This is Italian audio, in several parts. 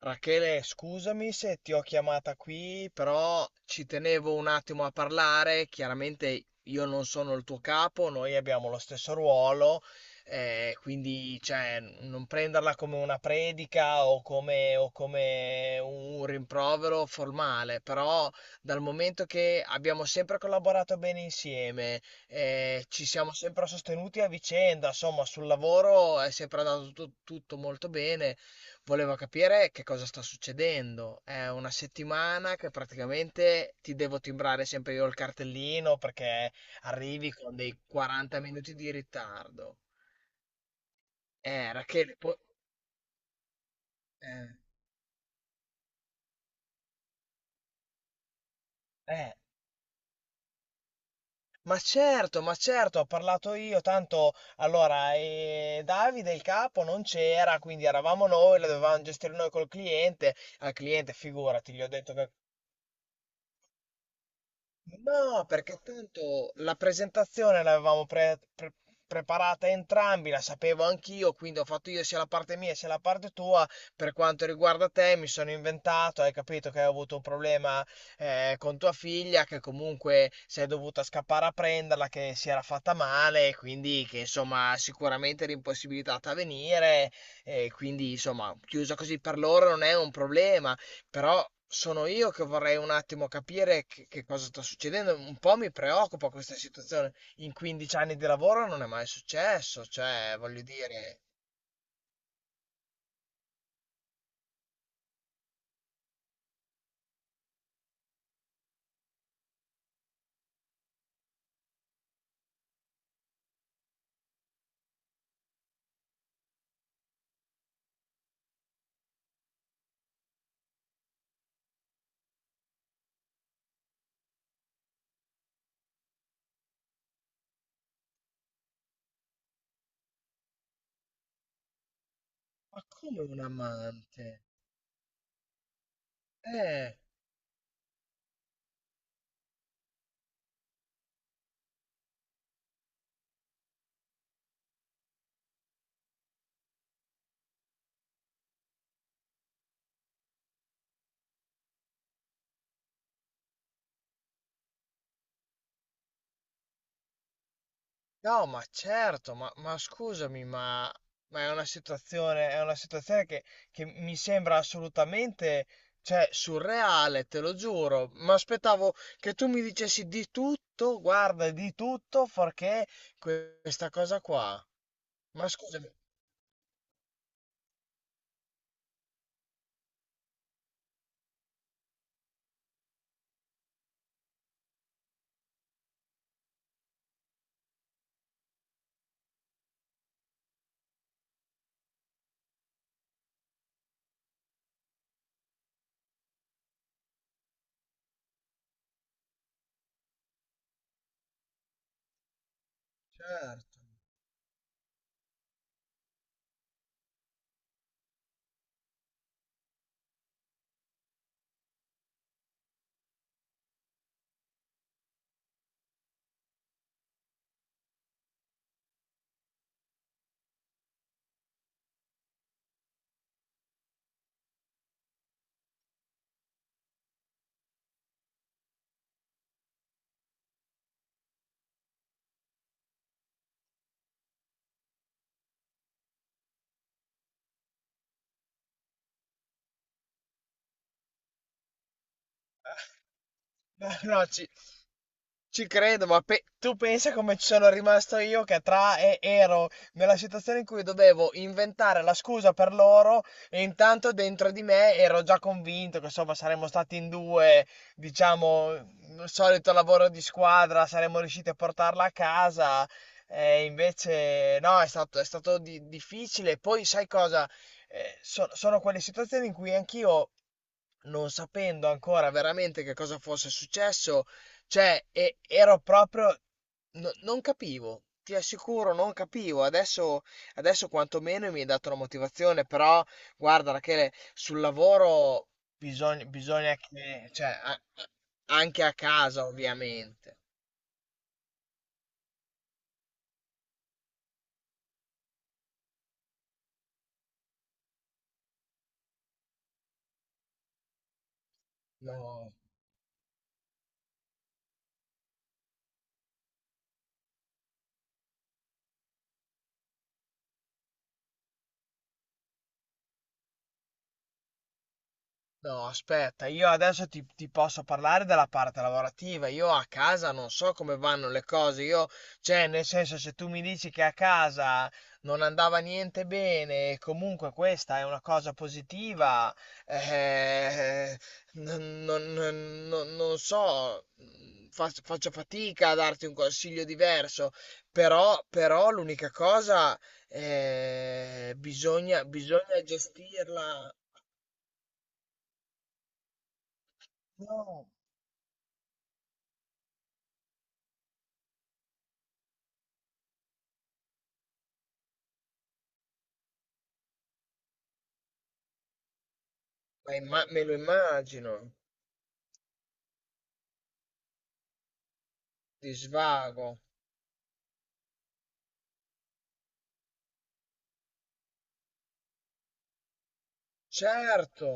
Rachele, scusami se ti ho chiamata qui, però ci tenevo un attimo a parlare. Chiaramente io non sono il tuo capo, noi abbiamo lo stesso ruolo, quindi cioè, non prenderla come una predica o come un rimprovero formale, però dal momento che abbiamo sempre collaborato bene insieme, ci siamo sempre sostenuti a vicenda, insomma, sul lavoro è sempre andato tutto molto bene. Volevo capire che cosa sta succedendo. È una settimana che praticamente ti devo timbrare sempre io il cartellino perché arrivi con dei 40 minuti di ritardo. Rachele, poi... Eh, eh. Ma certo, ho parlato io, tanto allora Davide il capo non c'era, quindi eravamo noi, la dovevamo gestire noi col cliente, al cliente figurati, gli ho detto che no, perché tanto la presentazione l'avevamo preparata entrambi, la sapevo anch'io, quindi ho fatto io sia la parte mia sia la parte tua. Per quanto riguarda te, mi sono inventato, hai capito che hai avuto un problema con tua figlia, che comunque sei dovuta scappare a prenderla, che si era fatta male, quindi che insomma sicuramente era impossibilitata a venire, e quindi insomma chiusa così per loro non è un problema. Però sono io che vorrei un attimo capire che cosa sta succedendo. Un po' mi preoccupa questa situazione. In 15 anni di lavoro non è mai successo, cioè, voglio dire, ma come un amante? Eh, no, ma certo, ma scusami, ma è una situazione che mi sembra assolutamente, cioè, surreale, te lo giuro. Ma aspettavo che tu mi dicessi di tutto, guarda, di tutto, perché questa cosa qua. Ma scusami, certo. Ma no, ci, ci credo, ma tu pensa come ci sono rimasto io che tra e ero nella situazione in cui dovevo inventare la scusa per loro e intanto dentro di me ero già convinto che insomma saremmo stati in due, diciamo, il solito lavoro di squadra, saremmo riusciti a portarla a casa e invece no, è stato difficile. Poi sai cosa? Sono quelle situazioni in cui anch'io non sapendo ancora veramente che cosa fosse successo, cioè ero proprio non capivo. Ti assicuro, non capivo. Adesso, adesso quantomeno mi hai dato la motivazione, però guarda, Rachele, sul lavoro bisogna, bisogna che, cioè, anche a casa, ovviamente. No. No, aspetta, io adesso ti, ti posso parlare della parte lavorativa. Io a casa non so come vanno le cose. Io, cioè, nel senso, se tu mi dici che a casa non andava niente bene, e comunque questa è una cosa positiva, eh, non so, faccio fatica a darti un consiglio diverso. Però, però l'unica cosa, bisogna, bisogna gestirla. No. Me lo immagino, di svago. Certo,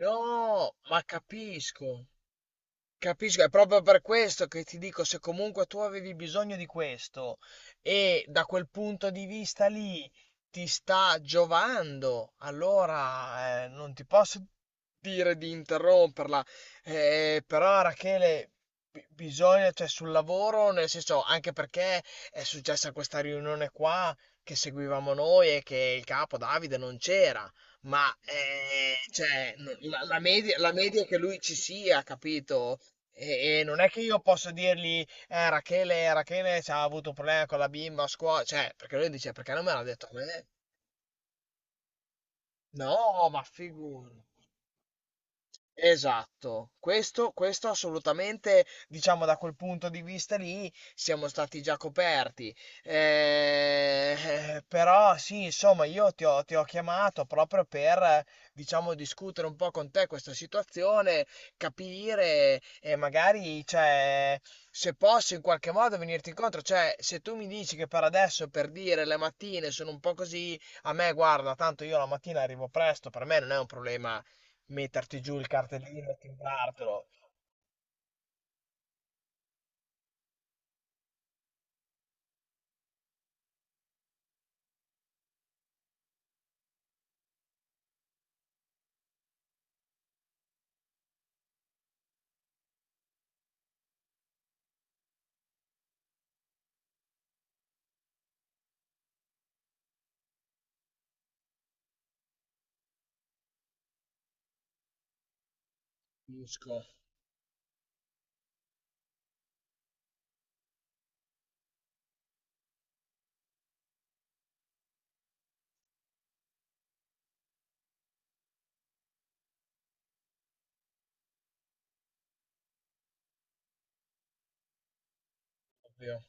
no, ma capisco. Capisco, è proprio per questo che ti dico, se comunque tu avevi bisogno di questo e da quel punto di vista lì ti sta giovando, allora non ti posso dire di interromperla. Però Rachele, bisogna, cioè sul lavoro, nel senso, anche perché è successa questa riunione qua che seguivamo noi e che il capo Davide non c'era. Ma cioè, la, la media è che lui ci sia, capito? E non è che io posso dirgli, Rachele, Rachele c'ha avuto un problema con la bimba a scuola, cioè, perché lui dice, perché non me l'ha detto a me? No, ma figurati. Esatto, questo assolutamente, diciamo da quel punto di vista lì, siamo stati già coperti. Però sì, insomma, io ti ho chiamato proprio per, diciamo, discutere un po' con te questa situazione, capire e magari, cioè, se posso in qualche modo venirti incontro. Cioè, se tu mi dici che per adesso, per dire, le mattine sono un po' così, a me, guarda, tanto io la mattina arrivo presto, per me non è un problema metterti giù il cartellino e timbrartelo. Capisco, ovvio.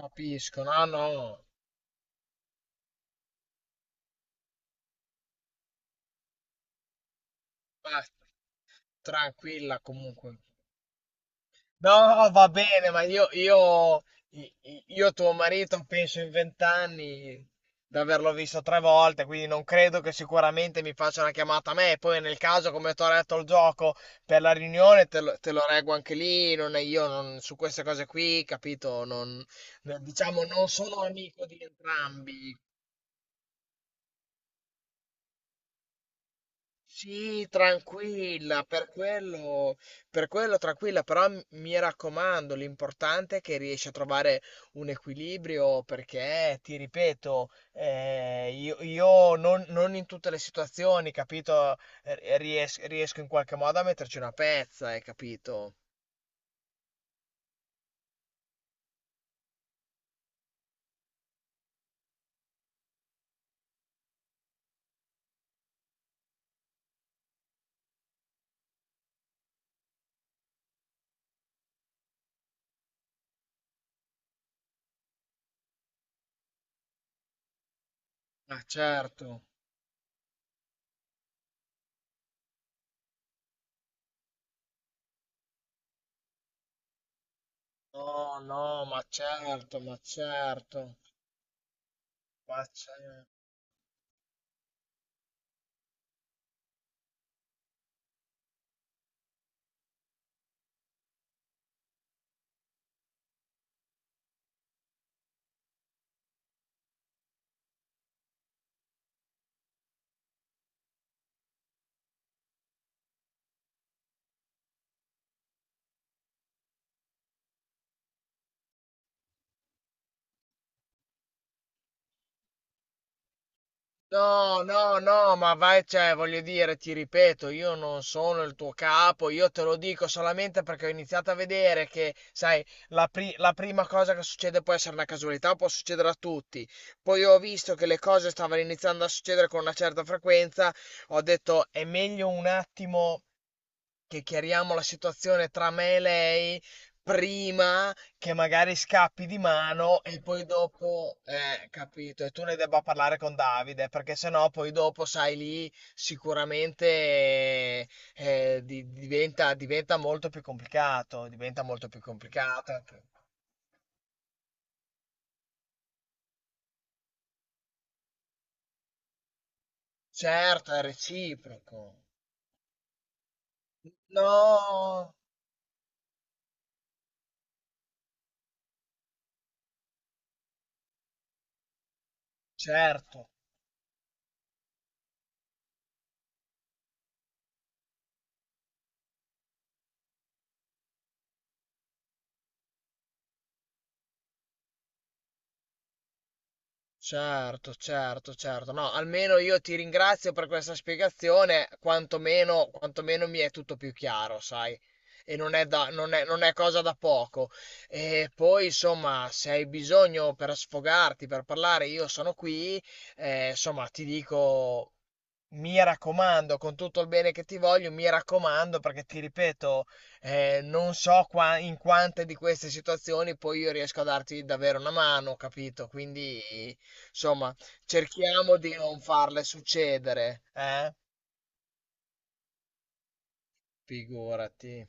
Capisco, no, no, basta, tranquilla comunque. No, no, va bene, ma io, io tuo marito penso in vent'anni di averlo visto tre volte, quindi non credo che sicuramente mi faccia una chiamata a me. Poi nel caso, come ti ho detto il gioco per la riunione, te lo reggo anche lì, non è io non- su queste cose qui, capito? Non, diciamo, non sono amico di entrambi. Sì, tranquilla, per quello tranquilla, però mi raccomando, l'importante è che riesci a trovare un equilibrio perché, ti ripeto, io non, non in tutte le situazioni, capito, riesco in qualche modo a metterci una pezza, hai capito? Ma certo. No, no, ma certo, ma certo, ma certo. No, no, no, ma vai, cioè, voglio dire, ti ripeto, io non sono il tuo capo, io te lo dico solamente perché ho iniziato a vedere che, sai, la, la prima cosa che succede può essere una casualità, può succedere a tutti. Poi ho visto che le cose stavano iniziando a succedere con una certa frequenza, ho detto è meglio un attimo che chiariamo la situazione tra me e lei prima che magari scappi di mano e poi dopo, capito, e tu ne debba parlare con Davide, perché sennò poi dopo, sai, lì sicuramente diventa, diventa molto più complicato, diventa molto più complicato. Certo, è reciproco. No, certo. Certo, certo, certo. No, almeno io ti ringrazio per questa spiegazione, quantomeno, quantomeno mi è tutto più chiaro, sai? E non è, non è cosa da poco. E poi, insomma, se hai bisogno per sfogarti, per parlare, io sono qui. Insomma, ti dico, mi raccomando, con tutto il bene che ti voglio, mi raccomando, perché ti ripeto, non so in quante di queste situazioni poi io riesco a darti davvero una mano, capito? Quindi, insomma, cerchiamo di non farle succedere, eh? Figurati.